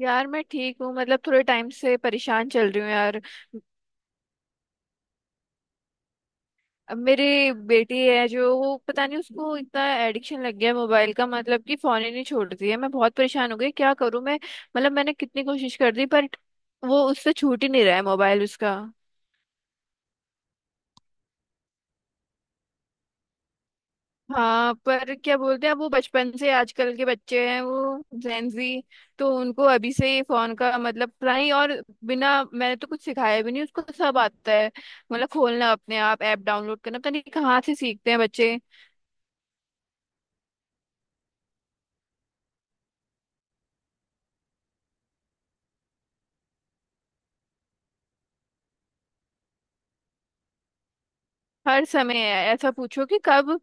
यार मैं ठीक हूँ। मतलब थोड़े टाइम से परेशान चल रही हूँ यार। अब मेरी बेटी है जो वो पता नहीं, उसको इतना एडिक्शन लग गया है मोबाइल का। मतलब कि फोन ही नहीं छोड़ती है। मैं बहुत परेशान हो गई, क्या करूँ मैं। मतलब मैंने कितनी कोशिश कर दी, पर वो उससे छूट ही नहीं रहा है मोबाइल उसका। हाँ, पर क्या बोलते हैं, अब वो बचपन से, आजकल के बच्चे हैं वो जेंजी, तो उनको अभी से ही फोन का मतलब। नहीं और बिना मैंने तो कुछ सिखाया भी नहीं, उसको सब आता है। मतलब खोलना, अपने आप ऐप डाउनलोड करना, पता नहीं कहाँ से सीखते हैं बच्चे। हर समय है, ऐसा पूछो कि कब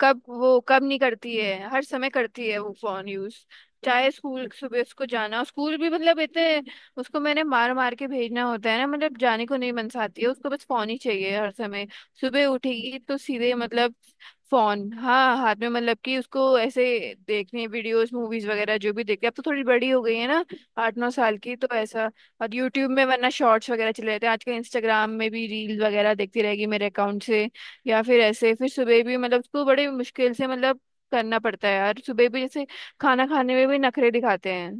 कब वो कब नहीं करती है, हर समय करती है वो फोन यूज। चाहे स्कूल, सुबह उसको जाना स्कूल भी, मतलब इतने उसको मैंने मार मार के भेजना होता है ना। मतलब जाने को नहीं मनसाती है, उसको बस फोन ही चाहिए हर समय। सुबह उठेगी तो सीधे मतलब फोन, हाँ, हाथ में। मतलब कि उसको ऐसे देखने, वीडियोस मूवीज वगैरह जो भी देखते, अब तो थोड़ी बड़ी हो गई है ना, 8 9 साल की, तो ऐसा। और यूट्यूब में वरना शॉर्ट्स वगैरह चले जाते हैं आजकल, इंस्टाग्राम में भी रील्स वगैरह देखती रहेगी मेरे अकाउंट से। या फिर ऐसे, फिर सुबह भी मतलब उसको बड़े मुश्किल से, मतलब करना पड़ता है यार। सुबह भी जैसे खाना खाने में भी नखरे दिखाते हैं।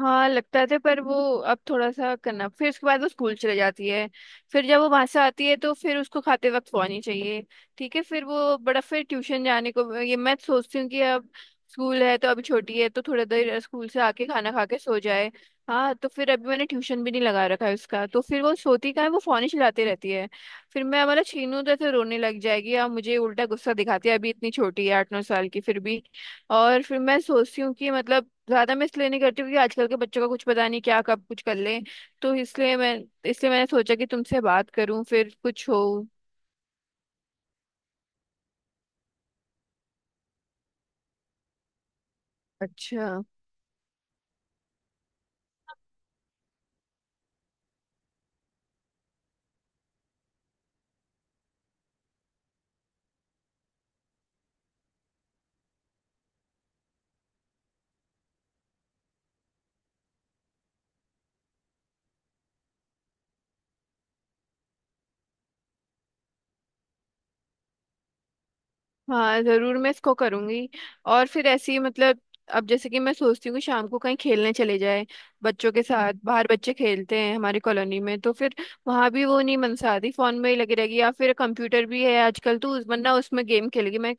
हाँ लगता था, पर वो अब थोड़ा सा करना, फिर उसके बाद वो स्कूल चले जाती है। फिर जब वो वहां से आती है तो फिर उसको खाते वक्त सोनी चाहिए। ठीक है, फिर वो बड़ा, फिर ट्यूशन जाने को, ये मैं सोचती हूँ कि अब स्कूल है तो अभी छोटी है तो थोड़ा देर स्कूल से आके खाना खा के सो जाए। हाँ, तो फिर अभी मैंने ट्यूशन भी नहीं लगा रखा है उसका, तो फिर वो सोती कहाँ है, वो फोन ही चलाती रहती है। फिर मैं मतलब छीनू तो ऐसे रोने लग जाएगी, और मुझे उल्टा गुस्सा दिखाती है, अभी इतनी छोटी है 8 9 साल की, फिर भी। और फिर मैं सोचती हूँ कि मतलब ज्यादा मैं इसलिए नहीं करती हूँ, क्योंकि आजकल के बच्चों का कुछ पता नहीं क्या कब कुछ कर लें। तो इसलिए मैं, इसलिए मैंने सोचा कि तुमसे बात करूं, फिर कुछ हो। अच्छा। हाँ जरूर, मैं इसको करूंगी। और फिर ऐसी मतलब, अब जैसे कि मैं सोचती हूँ कि शाम को कहीं खेलने चले जाए, बच्चों के साथ बाहर बच्चे खेलते हैं हमारी कॉलोनी में, तो फिर वहां भी वो नहीं मनसाती, फोन में ही लगी रहेगी। या फिर कंप्यूटर भी है आजकल तो उस, वरना उसमें गेम खेलेगी। मैं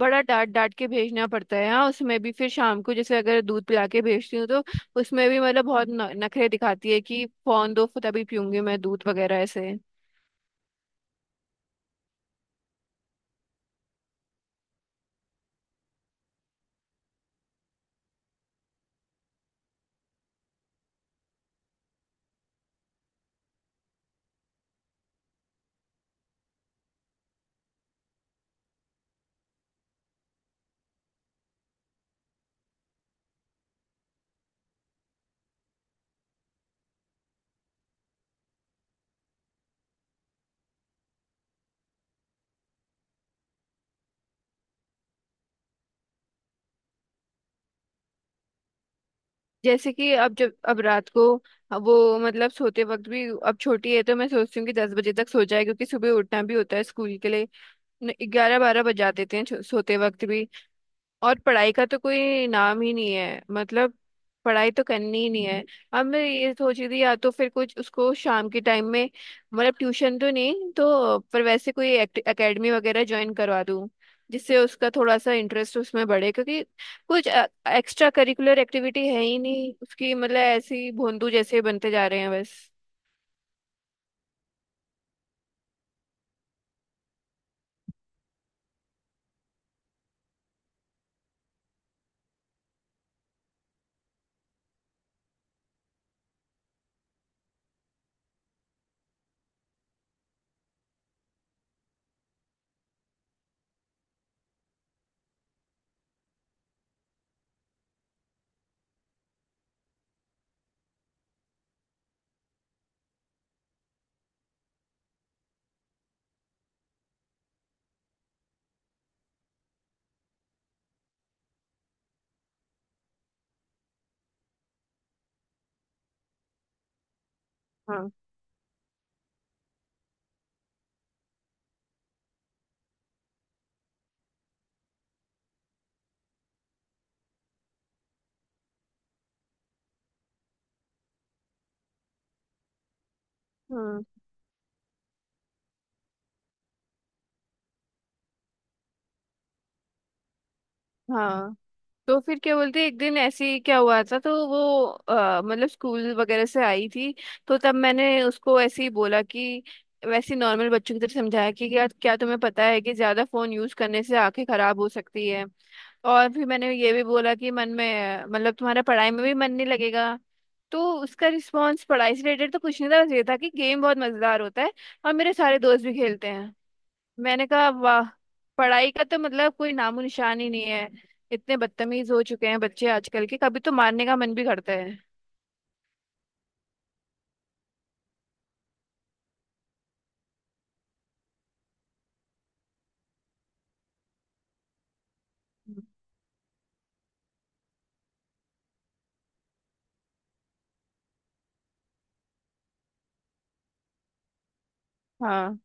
बड़ा डांट डांट के भेजना पड़ता है। हाँ, उसमें भी फिर शाम को जैसे अगर दूध पिला के भेजती हूँ, तो उसमें भी मतलब बहुत नखरे दिखाती है कि फोन दो तभी पीऊंगी मैं दूध वगैरह ऐसे। जैसे कि अब जब अब रात को वो, मतलब सोते वक्त भी अब छोटी है तो मैं सोचती हूँ कि 10 बजे तक सो जाए, क्योंकि सुबह उठना भी होता है स्कूल के लिए। 11 12 बजा देते हैं सोते वक्त भी। और पढ़ाई का तो कोई नाम ही नहीं है, मतलब पढ़ाई तो करनी ही नहीं है। अब मैं ये सोच रही थी, या तो फिर कुछ उसको शाम के टाइम में, मतलब ट्यूशन तो नहीं तो पर वैसे कोई एकेडमी वगैरह ज्वाइन करवा दूं, जिससे उसका थोड़ा सा इंटरेस्ट उसमें बढ़े। क्योंकि कुछ एक्स्ट्रा करिकुलर एक्टिविटी है ही नहीं उसकी, मतलब ऐसी भोंदू जैसे बनते जा रहे हैं बस। हाँ, हाँ, हाँ। तो फिर क्या बोलते हैं, एक दिन ऐसे ही क्या हुआ था तो वो मतलब स्कूल वगैरह से आई थी। तो तब मैंने उसको ऐसे ही बोला कि, वैसे नॉर्मल बच्चों की तरह समझाया कि क्या क्या तुम्हें पता है, कि ज्यादा फोन यूज करने से आंखें खराब हो सकती है। और फिर मैंने ये भी बोला कि मन में मतलब तुम्हारा पढ़ाई में भी मन नहीं लगेगा। तो उसका रिस्पांस पढ़ाई से रिलेटेड तो कुछ नहीं था, बस ये था कि गेम बहुत मजेदार होता है, और मेरे सारे दोस्त भी खेलते हैं। मैंने कहा वाह, पढ़ाई का तो मतलब कोई नामो निशान ही नहीं है। इतने बदतमीज हो चुके हैं बच्चे आजकल के, कभी तो मारने का मन भी करता है। हाँ,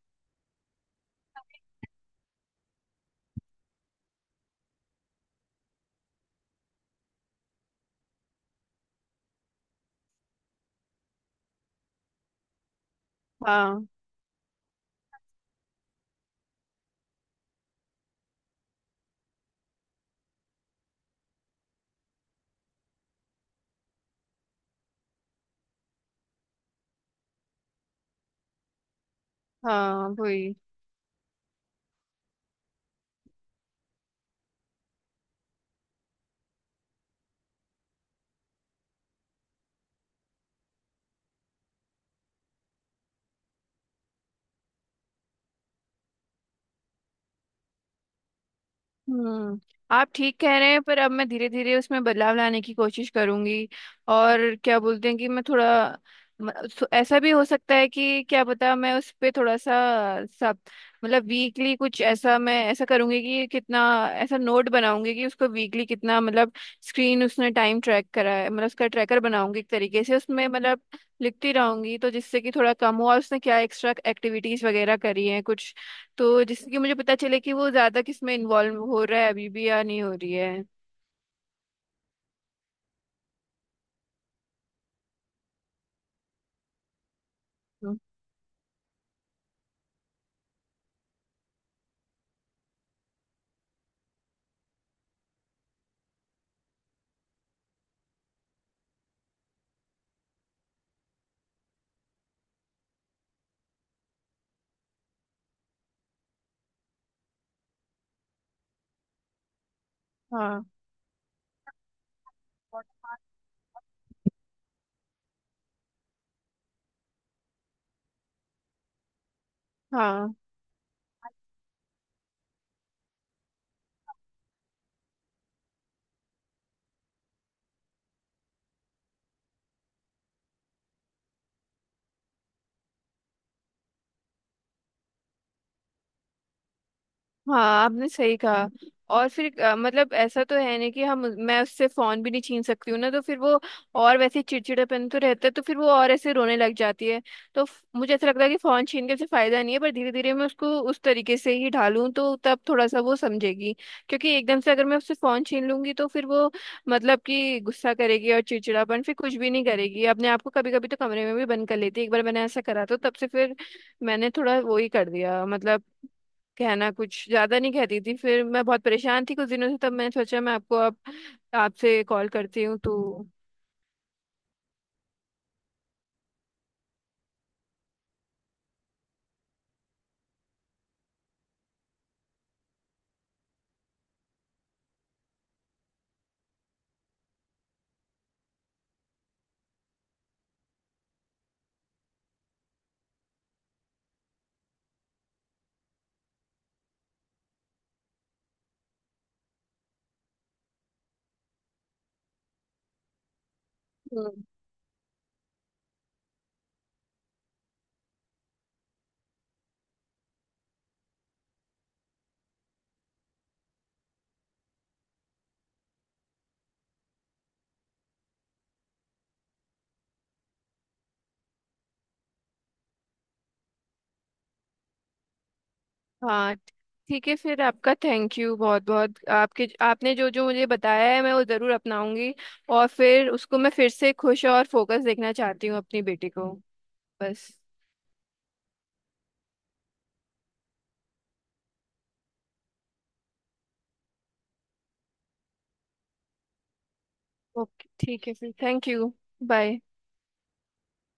हाँ, हाँ वही। हम्म, आप ठीक कह रहे हैं। पर अब मैं धीरे धीरे उसमें बदलाव लाने की कोशिश करूंगी। और क्या बोलते हैं कि मैं थोड़ा ऐसा भी हो सकता है कि क्या पता मैं उस पे थोड़ा सा सब, मतलब वीकली कुछ ऐसा मैं ऐसा करूंगी कि कितना, ऐसा नोट बनाऊंगी कि उसको वीकली कितना, मतलब स्क्रीन उसने टाइम ट्रैक करा है, मतलब उसका ट्रैकर बनाऊंगी एक तरीके से। उसमें मतलब लिखती रहूंगी, तो जिससे कि थोड़ा कम हो, और उसने क्या एक्स्ट्रा एक्टिविटीज वगैरह करी हैं कुछ, तो जिससे कि मुझे पता चले कि वो ज्यादा किस में इन्वॉल्व हो रहा है अभी भी या नहीं हो रही है। हम्म। हाँ, हाँ, हाँ आपने सही कहा। और फिर मतलब ऐसा तो है नहीं कि हम, मैं उससे फोन भी नहीं छीन सकती हूँ ना, तो फिर वो और वैसे चिड़चिड़ापन तो रहता है, तो फिर वो और ऐसे रोने लग जाती है। तो मुझे ऐसा लगता है कि फोन छीन के उसे फायदा नहीं है, पर धीरे धीरे मैं उसको उस तरीके से ही ढालूं तो तब थोड़ा सा वो समझेगी। क्योंकि एकदम से अगर मैं उससे फोन छीन लूंगी तो फिर वो, मतलब कि गुस्सा करेगी और चिड़चिड़ापन फिर कुछ भी नहीं करेगी अपने आप को। कभी कभी तो कमरे में भी बंद कर लेती है, एक बार मैंने ऐसा करा तो तब से फिर मैंने थोड़ा वो ही कर दिया। मतलब कहना कुछ ज्यादा नहीं कहती थी। फिर मैं बहुत परेशान थी कुछ दिनों से, तब मैंने सोचा मैं आपको अब आपसे कॉल करती हूँ तो। हम्म। हाँ ठीक है, फिर आपका थैंक यू बहुत बहुत। आपके, आपने जो जो मुझे बताया है मैं वो जरूर अपनाऊंगी, और फिर उसको मैं फिर से खुश और फोकस देखना चाहती हूँ अपनी बेटी को। बस। ओके ठीक है, फिर थैंक यू। बाय।